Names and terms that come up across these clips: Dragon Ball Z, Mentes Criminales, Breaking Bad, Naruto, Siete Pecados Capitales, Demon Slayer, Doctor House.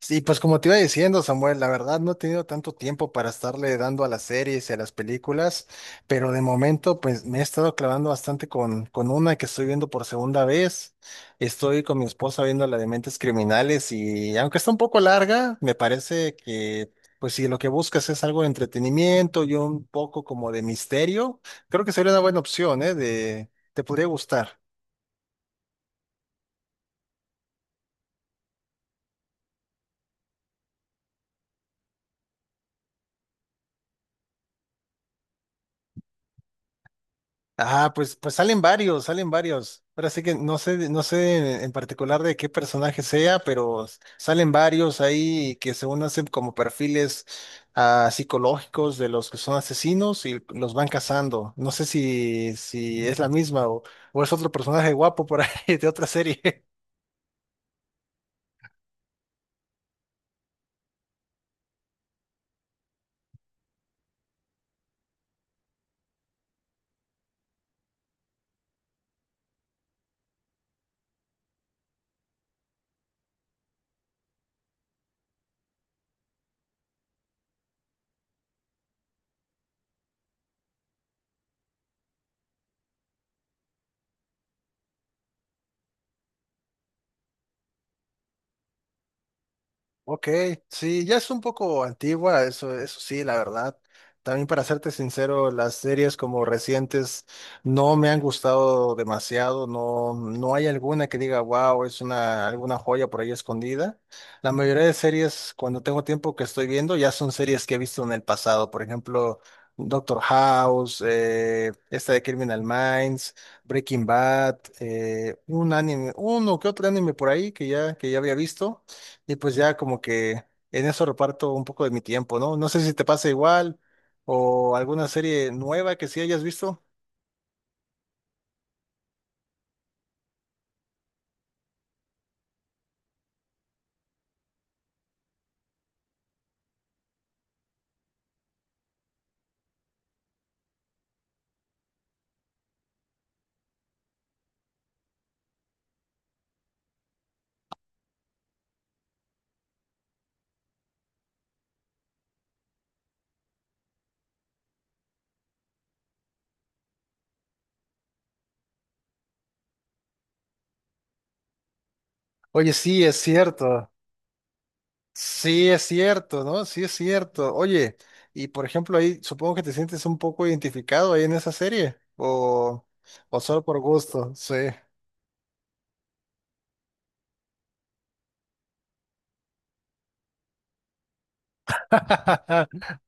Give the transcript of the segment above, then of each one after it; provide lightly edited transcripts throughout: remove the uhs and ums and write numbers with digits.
Sí, pues como te iba diciendo, Samuel, la verdad no he tenido tanto tiempo para estarle dando a las series y a las películas, pero de momento pues me he estado clavando bastante con una que estoy viendo por segunda vez. Estoy con mi esposa viendo la de Mentes Criminales y aunque está un poco larga, me parece que pues si lo que buscas es algo de entretenimiento y un poco como de misterio, creo que sería una buena opción, ¿eh? De, te podría gustar. Ah, pues, pues salen varios, salen varios. Ahora sí que no sé, no sé en particular de qué personaje sea, pero salen varios ahí que según hacen como perfiles psicológicos de los que son asesinos y los van cazando. No sé si es la misma o es otro personaje guapo por ahí de otra serie. Ok, sí, ya es un poco antigua, eso sí, la verdad. También para serte sincero, las series como recientes no me han gustado demasiado, no, no hay alguna que diga, wow, es una, alguna joya por ahí escondida. La mayoría de series, cuando tengo tiempo que estoy viendo, ya son series que he visto en el pasado, por ejemplo, Doctor House, esta de Criminal Minds, Breaking Bad, un anime, uno que otro anime por ahí que ya había visto y pues ya como que en eso reparto un poco de mi tiempo, ¿no? No sé si te pasa igual o alguna serie nueva que sí hayas visto. Oye, sí, es cierto. Sí, es cierto, ¿no? Sí, es cierto. Oye, y por ejemplo ahí supongo que te sientes un poco identificado ahí en esa serie o solo por gusto, sí.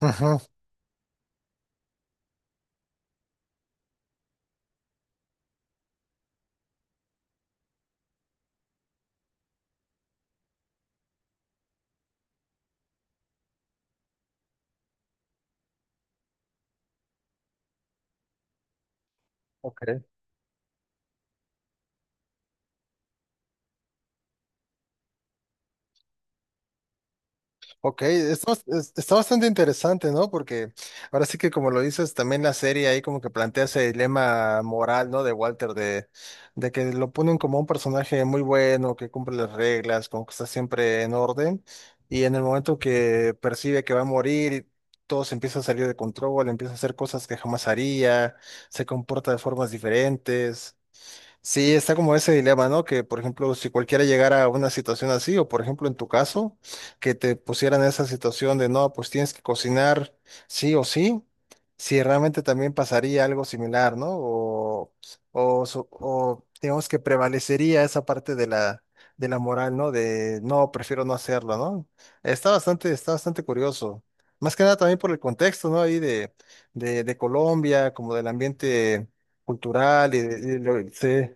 Ujú. Ok. Ok, está, está bastante interesante, ¿no? Porque ahora sí que como lo dices, también la serie ahí como que plantea ese dilema moral, ¿no? De Walter, de que lo ponen como un personaje muy bueno, que cumple las reglas, como que está siempre en orden, y en el momento que percibe que va a morir, todo se empieza a salir de control, empieza a hacer cosas que jamás haría, se comporta de formas diferentes. Sí, está como ese dilema, ¿no? Que, por ejemplo, si cualquiera llegara a una situación así, o por ejemplo en tu caso, que te pusieran esa situación de, no, pues tienes que cocinar sí o sí, si realmente también pasaría algo similar, ¿no? O, o digamos que prevalecería esa parte de la moral, ¿no? De, no, prefiero no hacerlo, ¿no? Está bastante curioso. Más que nada también por el contexto, ¿no? Ahí de Colombia, como del ambiente cultural y de, y lo- sí.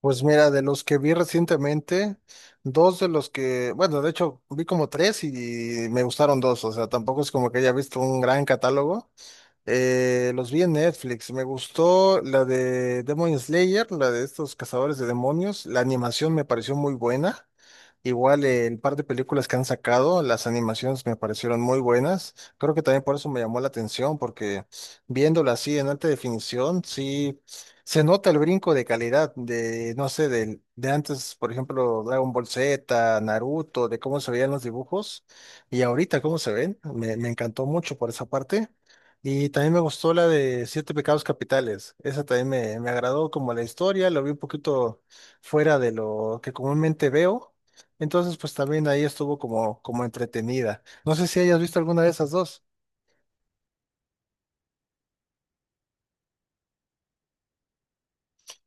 Pues mira, de los que vi recientemente, dos de los que, bueno, de hecho vi como tres y me gustaron dos, o sea, tampoco es como que haya visto un gran catálogo. Los vi en Netflix. Me gustó la de Demon Slayer, la de estos cazadores de demonios. La animación me pareció muy buena. Igual el par de películas que han sacado, las animaciones me parecieron muy buenas. Creo que también por eso me llamó la atención, porque viéndola así en alta definición, sí se nota el brinco de calidad de, no sé, del de antes, por ejemplo, Dragon Ball Z, Naruto, de cómo se veían los dibujos y ahorita cómo se ven. Me encantó mucho por esa parte. Y también me gustó la de Siete Pecados Capitales. Esa también me agradó como la historia, lo vi un poquito fuera de lo que comúnmente veo. Entonces, pues también ahí estuvo como entretenida. No sé si hayas visto alguna de esas dos.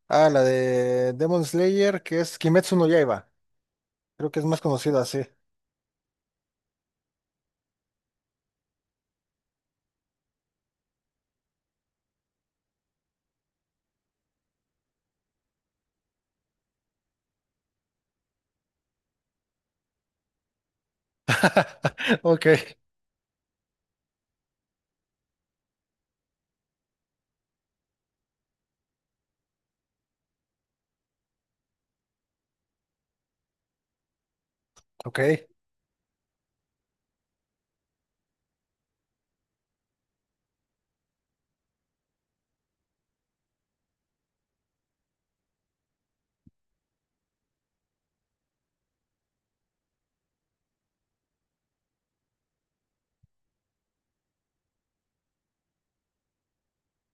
Ah, la de Demon Slayer, que es Kimetsu no Yaiba. Creo que es más conocida así. Ok, ok,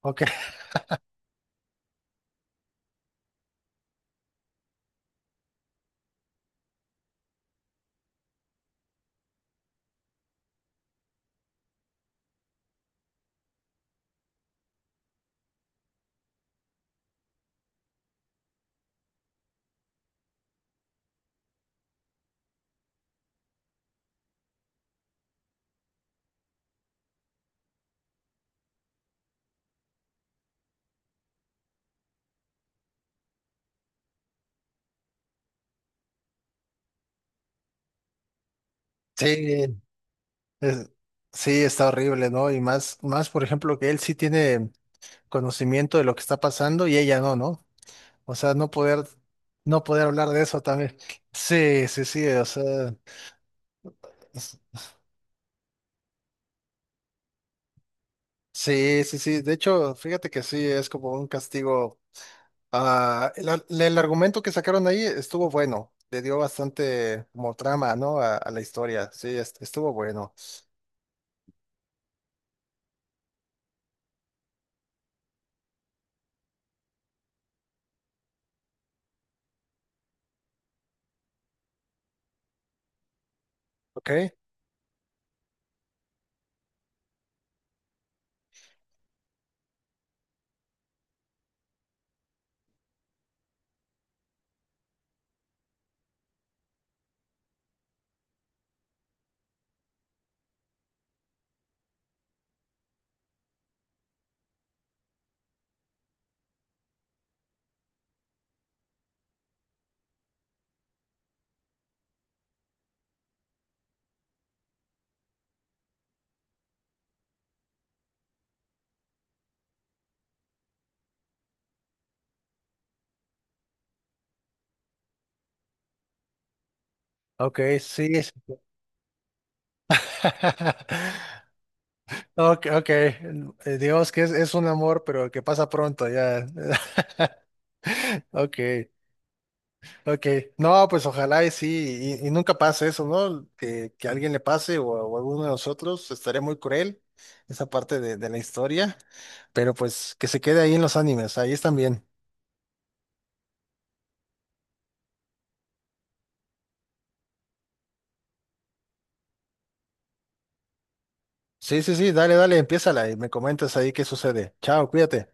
ok. Sí, es- sí, está horrible, ¿no? Y más, más, por ejemplo, que él sí tiene conocimiento de lo que está pasando y ella no, ¿no? O sea, no poder, no poder hablar de eso también. Sí, sí, sí, o sea, es- sí, sí, sí. De hecho, fíjate que sí, es como un castigo. Ah, el, el argumento que sacaron ahí estuvo bueno, le dio bastante como trama, ¿no? A la historia, sí, estuvo bueno. Ok, ok, sí. es- Ok, ok. Dios, que es un amor, pero que pasa pronto ya. Ok. Ok, no, pues ojalá y sí, y nunca pase eso, ¿no? Que a alguien le pase o a alguno de nosotros, estaría muy cruel esa parte de la historia, pero pues que se quede ahí en los animes, ahí están bien. Sí, sí, sí, dale, dale, empiézala y me comentas ahí qué sucede. Chao, cuídate.